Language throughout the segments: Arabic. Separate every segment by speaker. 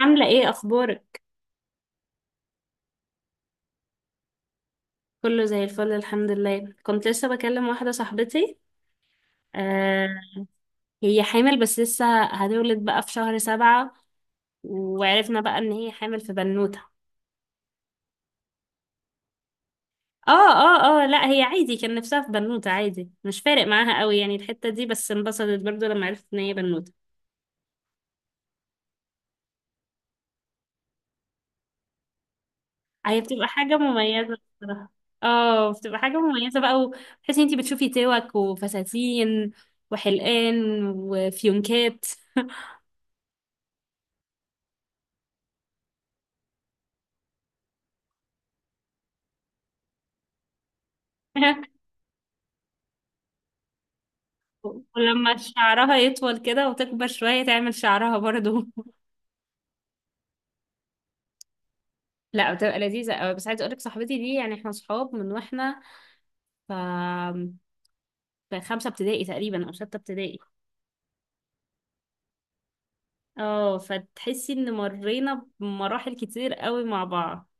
Speaker 1: عاملة ايه اخبارك؟ كله زي الفل الحمد لله. كنت لسه بكلم واحدة صاحبتي. آه. هي حامل، بس لسه هتولد بقى في شهر 7. وعرفنا بقى ان هي حامل في بنوتة. اه، اه، اه، لا، هي عادي، كان نفسها في بنوتة، عادي، مش فارق معاها قوي يعني الحتة دي، بس انبسطت برضو لما عرفت ان هي بنوتة. هي بتبقى حاجة مميزة بصراحة. اه، بتبقى حاجة مميزة بقى، وتحسي انتي بتشوفي توك وفساتين وحلقان وفيونكات. ولما شعرها يطول كده وتكبر شوية تعمل شعرها برضو. لا، بتبقى لذيذة قوي. بس عايزة اقولك صاحبتي دي، يعني احنا صحاب من واحنا، ف في 5 ابتدائي تقريبا او 6 ابتدائي. اه، فتحسي ان مرينا بمراحل كتير قوي مع بعض.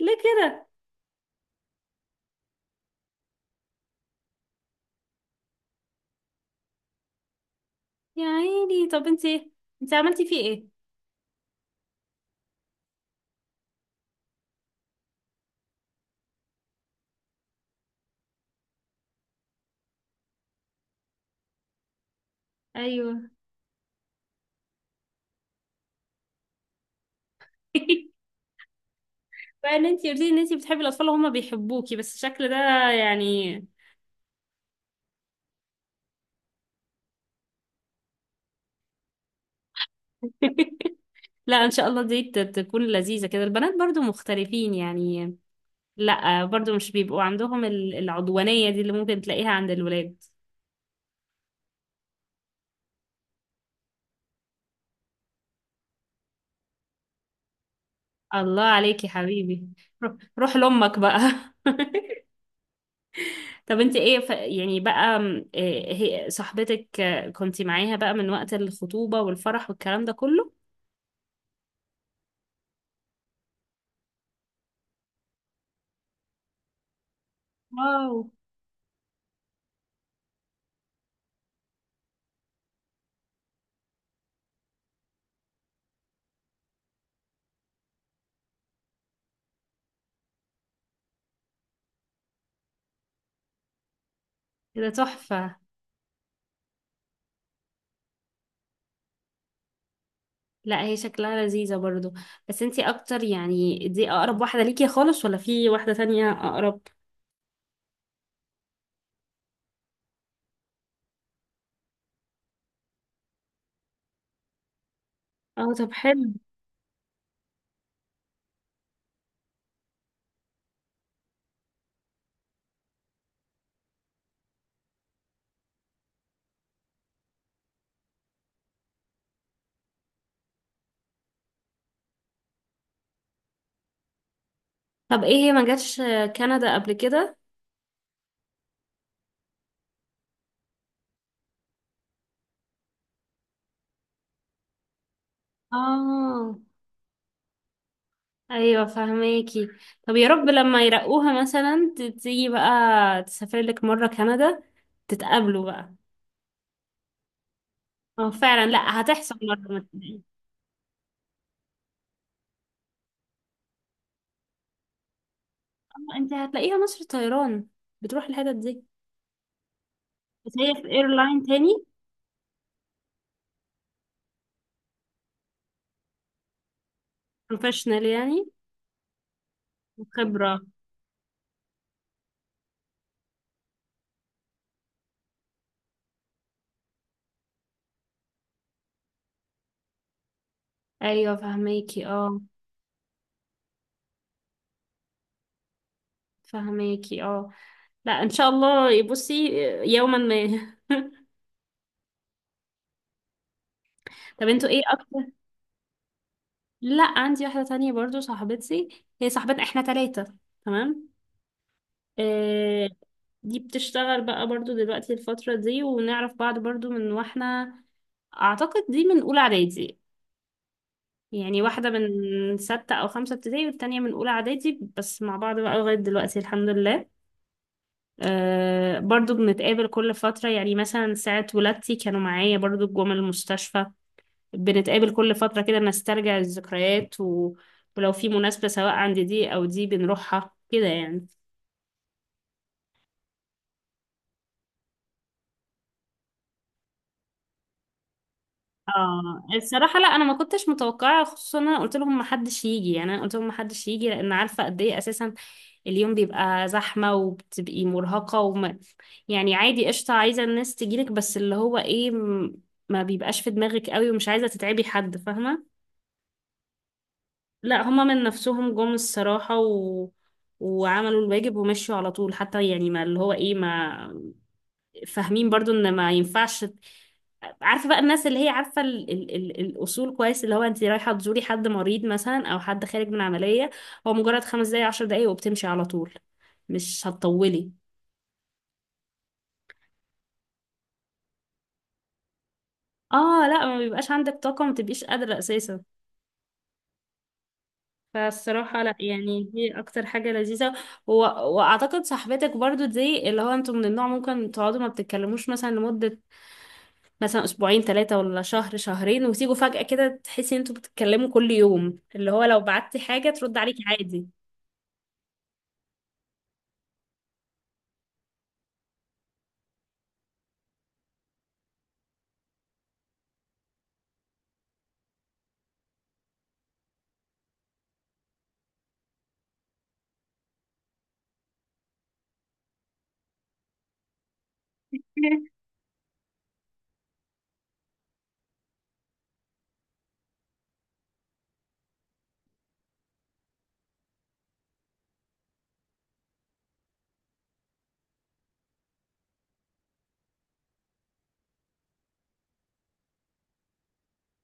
Speaker 1: ليه كده؟ يا عيني. طب انت عملتي فيه ايه؟ ايوه. بقى ان انت قلتي ان انت بتحبي الاطفال وهما بيحبوكي، بس الشكل ده، يعني. لا، ان شاء الله دي تكون لذيذة كده. البنات برضو مختلفين يعني. لا برضو مش بيبقوا عندهم العدوانية دي اللي ممكن تلاقيها عند الولاد. الله عليك يا حبيبي. روح، روح لأمك بقى. طب انت ايه، يعني بقى، إيه. هي صاحبتك، كنتي معاها بقى من وقت الخطوبة والفرح والكلام ده كله؟ واو. ده تحفة. لا، هي شكلها لذيذة برضو. بس انت اكتر، يعني دي اقرب واحدة ليكي خالص ولا في واحدة تانية اقرب؟ اه، طب حلو. طب ايه، هي ما جاتش كندا قبل كده؟ اه، ايوه فهماكي. طب يا رب لما يرقوها مثلا تيجي بقى، تسافر لك مره كندا، تتقابلوا بقى. اه فعلا، لا هتحصل مره ما تقلقيش. انت هتلاقيها مصر طيران بتروح الحتت دي. بس هي في ايرلاين تاني. بروفيشنال يعني وخبره. ايوه فهماكي. اه فهماكي. اه، لا ان شاء الله. بصي، يوما ما. طب انتوا ايه اكتر؟ لا، عندي واحده تانية برضو صاحبتي. هي صاحبتنا، احنا 3. تمام. آه، دي بتشتغل بقى برضو دلوقتي الفترة دي. ونعرف بعض برضو من واحنا، أعتقد دي من أولى إعدادي. يعني واحدة من 6 أو 5 ابتدائي والتانية من أولى إعدادي، بس مع بعض بقى لغاية دلوقتي الحمد لله. أه، برضو بنتقابل كل فترة، يعني مثلا ساعة ولادتي كانوا معايا برضو، جم المستشفى. بنتقابل كل فترة كده نسترجع الذكريات و. ولو في مناسبة سواء عند دي أو دي بنروحها كده يعني. اه الصراحة، لا، انا ما كنتش متوقعة. خصوصا انا قلت لهم ما حدش يجي، يعني انا قلت لهم ما حدش يجي لان عارفة قد ايه اساسا اليوم بيبقى زحمة وبتبقي مرهقة، وما يعني عادي قشطة عايزة الناس تجيلك، بس اللي هو ايه، ما بيبقاش في دماغك قوي ومش عايزة تتعبي حد، فاهمة. لا، هما من نفسهم جم الصراحة وعملوا الواجب ومشوا على طول. حتى يعني ما اللي هو ايه، ما فاهمين برضو ان ما ينفعش. عارفه بقى الناس اللي هي عارفه ال ال ال الاصول كويس، اللي هو انت رايحه تزوري حد مريض مثلا او حد خارج من عمليه، هو مجرد خمس دقايق 10 دقايق وبتمشي على طول، مش هتطولي. اه لا، ما بيبقاش عندك طاقه، ما تبقيش قادره اساسا. فالصراحه، لا يعني دي اكتر حاجه لذيذه. و... واعتقد صاحبتك برضو دي، اللي هو انتوا من النوع ممكن تقعدوا ما بتتكلموش مثلا لمده، مثلا اسبوعين 3 ولا شهر شهرين، وتيجوا فجأة كده تحسي ان انتوا بتتكلموا كل يوم، اللي هو لو بعتي حاجة ترد عليكي عادي.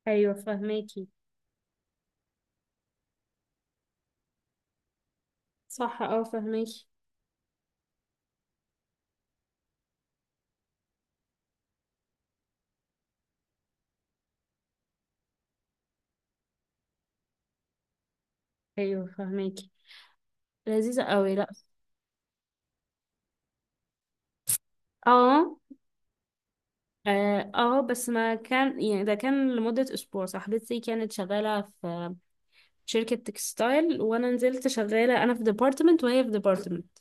Speaker 1: ايوه فهماكي. صح اه فهماكي. ايوه فهماكي. لذيذة قوي. لا اه. اه، بس ما كان، يعني ده كان لمدة أسبوع. صاحبتي كانت شغالة في شركة تكستايل، وأنا نزلت شغالة أنا في ديبارتمنت وهي في ديبارتمنت.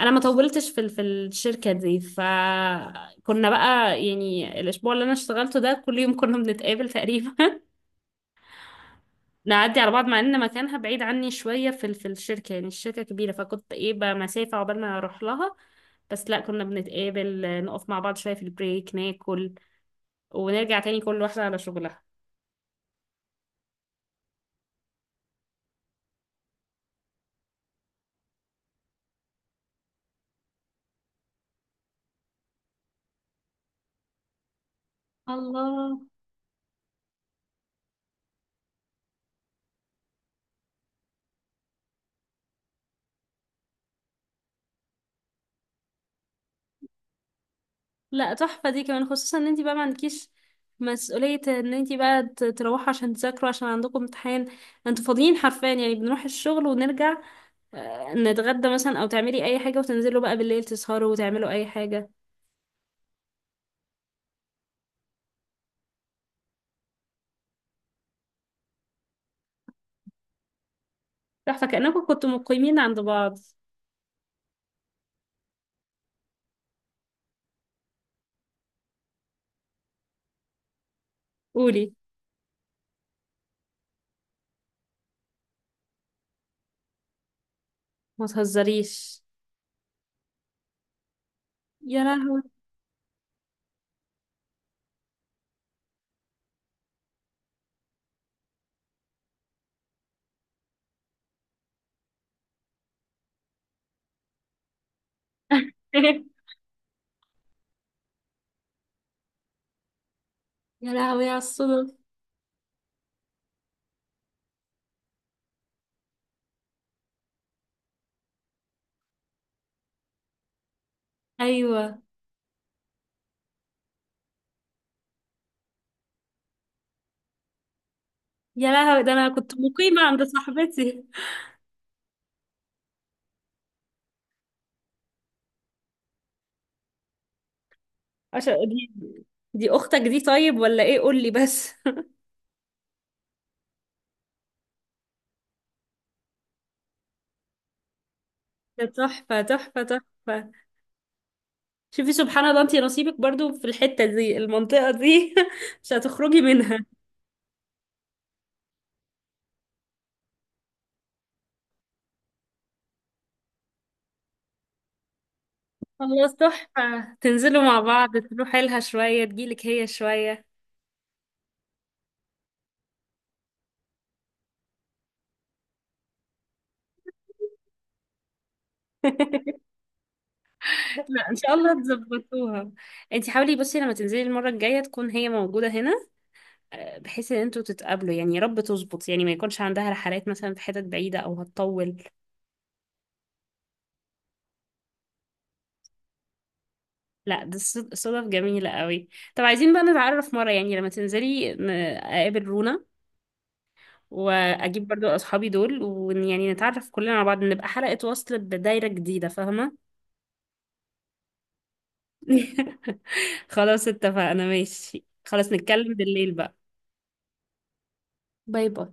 Speaker 1: انا ما طولتش في في الشركه دي. فكنا بقى يعني الاسبوع اللي انا اشتغلته ده كل يوم كنا بنتقابل تقريبا. نعدي على بعض مع ان مكانها بعيد عني شويه في في الشركه. يعني الشركه كبيره، فكنت ايه بقى مسافه عقبال ما اروح لها. بس لا، كنا بنتقابل نقف مع بعض شويه في البريك ناكل، ونرجع تاني كل واحده على شغلها. الله. لا، تحفة دي كمان. خصوصا ان انتي بقى ما عندكيش مسؤولية ان انتي بقى تروحوا عشان تذاكروا، عشان عندكم امتحان. انتوا فاضيين حرفيا، يعني بنروح الشغل ونرجع، نتغدى مثلا او تعملي اي حاجة، وتنزلوا بقى بالليل تسهروا وتعملوا اي حاجة. تحفة، كأنكم كنتوا مقيمين عند بعض. قولي. ما تهزريش. يا لهوي. يا لهوي على الصدف. ايوه. يا لهوي، ده انا كنت مقيمة عند صاحبتي. عشان دي، دي اختك دي طيب ولا ايه؟ قولي بس. ده تحفة تحفة تحفة. شوفي سبحان الله، انتي نصيبك برضو في الحتة دي، المنطقة دي. مش هتخرجي منها. خلاص، تحفة. تنزلوا مع بعض، تروحي لها شوية، تجيلك هي شوية. لا ان شاء الله تظبطوها. انتي حاولي بصي لما تنزلي المرة الجاية تكون هي موجودة هنا، بحيث ان انتوا تتقابلوا يعني. يا رب تظبط يعني، ما يكونش عندها رحلات مثلا في حتت بعيدة او هتطول. لا، ده صدف جميلة قوي. طب عايزين بقى نتعرف مرة، يعني لما تنزلي اقابل رونا واجيب برضو اصحابي دول، ويعني نتعرف كلنا على بعض، نبقى حلقة وصل بدايرة جديدة، فاهمة؟ خلاص اتفقنا، ماشي. خلاص نتكلم بالليل بقى. باي باي.